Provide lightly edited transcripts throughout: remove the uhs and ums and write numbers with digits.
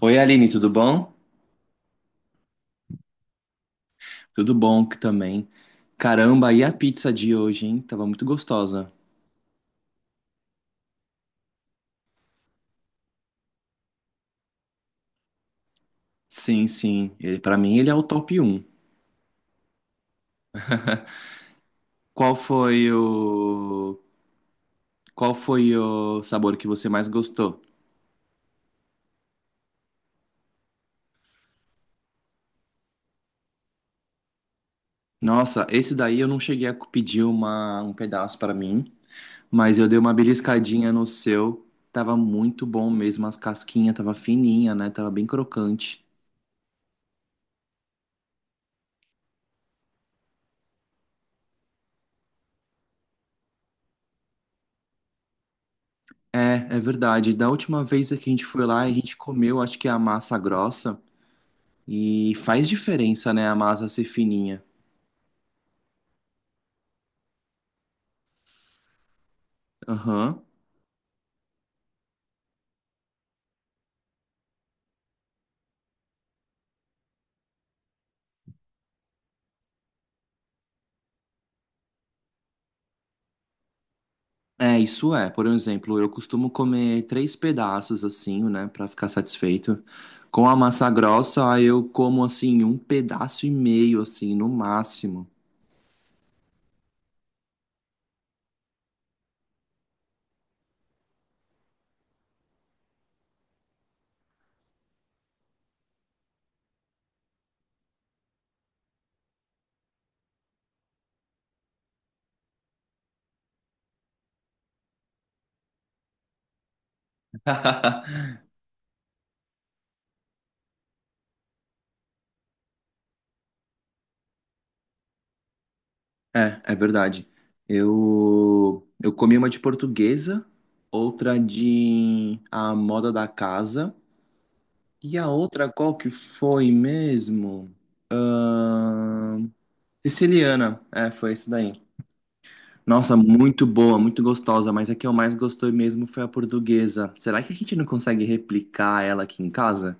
Oi, Aline, tudo bom? Tudo bom que também. Caramba, e a pizza de hoje, hein? Tava muito gostosa. Sim, sim. Para mim, ele é o top um. Qual foi o qual foi o sabor que você mais gostou? Nossa, esse daí eu não cheguei a pedir um pedaço para mim, mas eu dei uma beliscadinha no seu. Tava muito bom mesmo, as casquinhas tava fininha, né? Tava bem crocante. É, é verdade. Da última vez que a gente foi lá, a gente comeu, acho que a massa grossa. E faz diferença, né, a massa ser fininha. Aham. É, isso é. Por exemplo, eu costumo comer três pedaços assim, né, pra ficar satisfeito. Com a massa grossa, aí eu como assim um pedaço e meio assim, no máximo. É, é verdade. Eu comi uma de portuguesa, outra de a moda da casa e a outra qual que foi mesmo? Siciliana, é, foi isso daí. Nossa, muito boa, muito gostosa, mas a que eu mais gostei mesmo foi a portuguesa. Será que a gente não consegue replicar ela aqui em casa?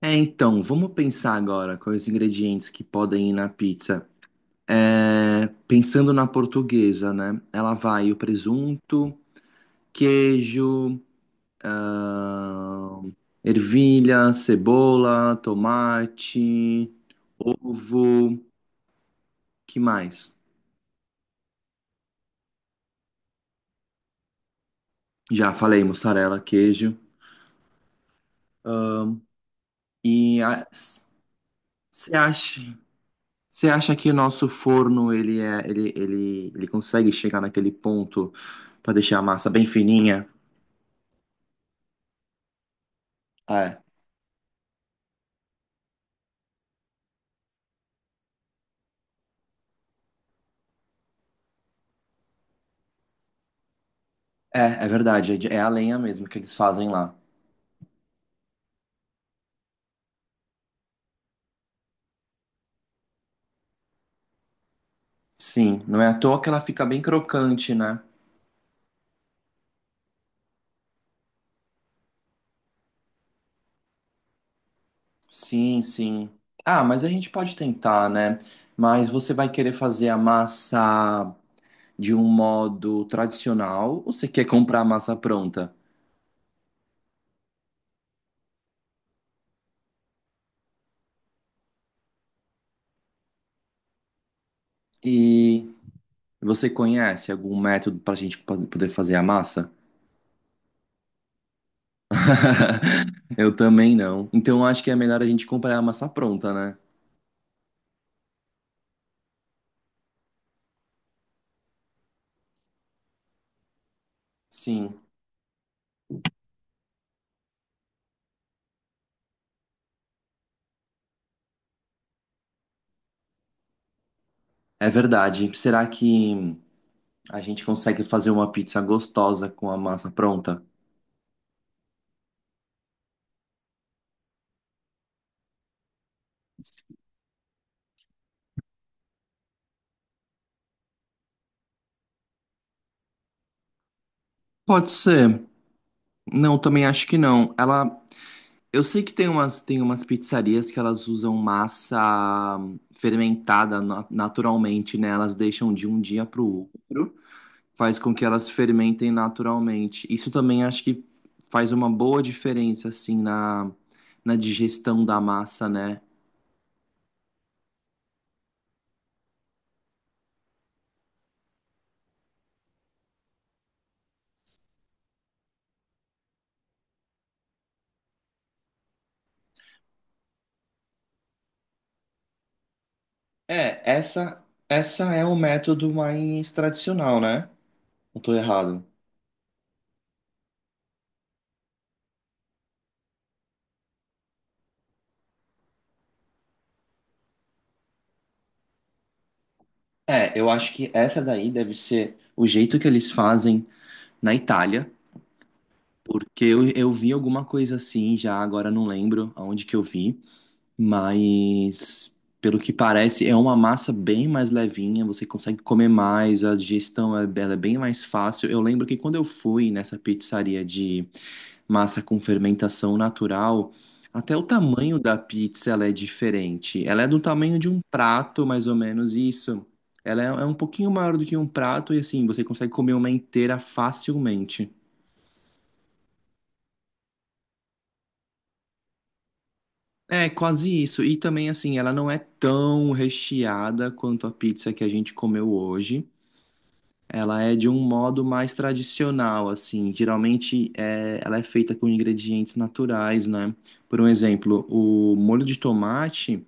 É, então, vamos pensar agora com os ingredientes que podem ir na pizza. É, pensando na portuguesa, né? Ela vai o presunto, queijo, ahn, ervilha, cebola, tomate, ovo, que mais? Já falei, mussarela, queijo. E você acha, você acha que o nosso forno ele é, ele consegue chegar naquele ponto para deixar a massa bem fininha? É, é verdade, é a lenha mesmo que eles fazem lá. Sim, não é à toa que ela fica bem crocante, né? Sim, sim. Ah, mas a gente pode tentar, né? Mas você vai querer fazer a massa de um modo tradicional ou você quer comprar a massa pronta? E você conhece algum método para a gente poder fazer a massa? Eu também não. Então eu acho que é melhor a gente comprar a massa pronta, né? Sim, é verdade. Será que a gente consegue fazer uma pizza gostosa com a massa pronta? Pode ser. Não, também acho que não. Ela, eu sei que tem umas pizzarias que elas usam massa fermentada naturalmente, né? Elas deixam de um dia para o outro. Faz com que elas fermentem naturalmente. Isso também acho que faz uma boa diferença, assim, na, na digestão da massa, né? É, essa é o método mais tradicional, né? Não tô errado. É, eu acho que essa daí deve ser o jeito que eles fazem na Itália, porque eu vi alguma coisa assim já, agora não lembro aonde que eu vi. Mas, pelo que parece, é uma massa bem mais levinha, você consegue comer mais, a digestão é, ela é bem mais fácil. Eu lembro que quando eu fui nessa pizzaria de massa com fermentação natural, até o tamanho da pizza ela é diferente. Ela é do tamanho de um prato, mais ou menos isso. Ela é, é um pouquinho maior do que um prato e assim, você consegue comer uma inteira facilmente. É, quase isso. E também, assim, ela não é tão recheada quanto a pizza que a gente comeu hoje. Ela é de um modo mais tradicional, assim. Geralmente é, ela é feita com ingredientes naturais, né? Por um exemplo, o molho de tomate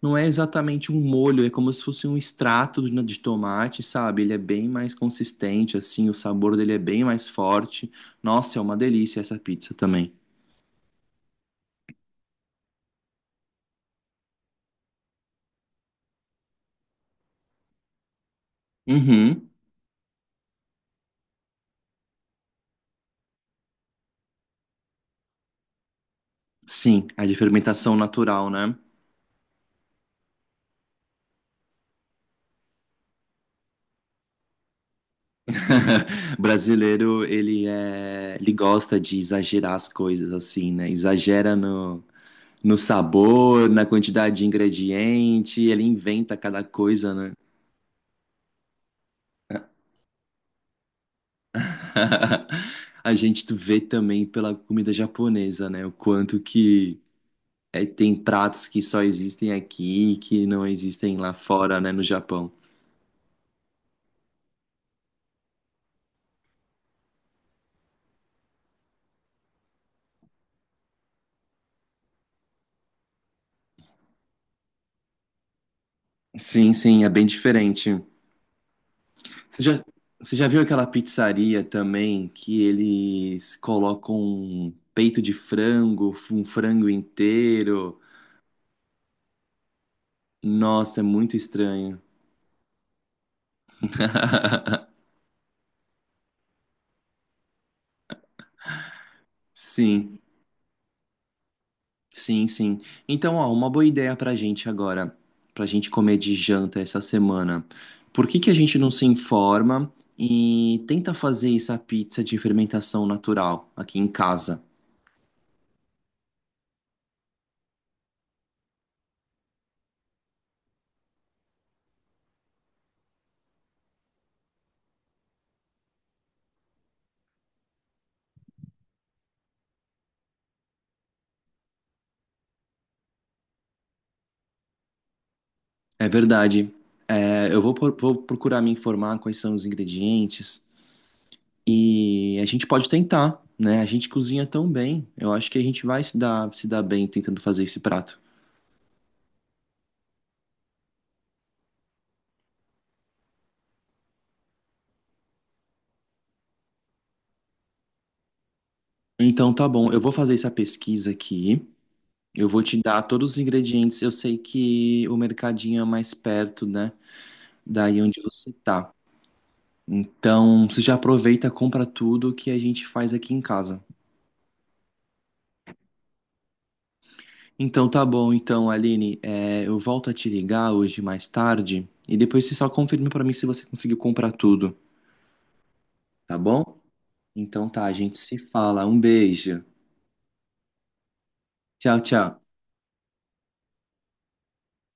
não é exatamente um molho, é como se fosse um extrato de tomate, sabe? Ele é bem mais consistente, assim, o sabor dele é bem mais forte. Nossa, é uma delícia essa pizza também. Uhum. Sim, a de fermentação natural, né? Brasileiro, ele é, ele gosta de exagerar as coisas assim, né? Exagera no, no sabor, na quantidade de ingrediente, ele inventa cada coisa, né? A gente tu vê também pela comida japonesa, né? O quanto que é, tem pratos que só existem aqui, e que não existem lá fora, né, no Japão. Sim, sim, é bem diferente. Você já, você já viu aquela pizzaria também que eles colocam um peito de frango, um frango inteiro? Nossa, é muito estranho. Sim, sim, sim. Então, ó, uma boa ideia pra gente agora, pra gente comer de janta essa semana. Por que que a gente não se informa e tenta fazer essa pizza de fermentação natural aqui em casa? É verdade. É, eu vou, vou procurar me informar quais são os ingredientes e a gente pode tentar, né? A gente cozinha tão bem. Eu acho que a gente vai se dar bem tentando fazer esse prato. Então, tá bom. Eu vou fazer essa pesquisa aqui. Eu vou te dar todos os ingredientes. Eu sei que o mercadinho é mais perto, né? Daí onde você tá. Então, você já aproveita, compra tudo que a gente faz aqui em casa. Então, tá bom. Então, Aline, é, eu volto a te ligar hoje mais tarde e depois você só confirma pra mim se você conseguiu comprar tudo, tá bom? Então, tá. A gente se fala. Um beijo. Tchau, tchau.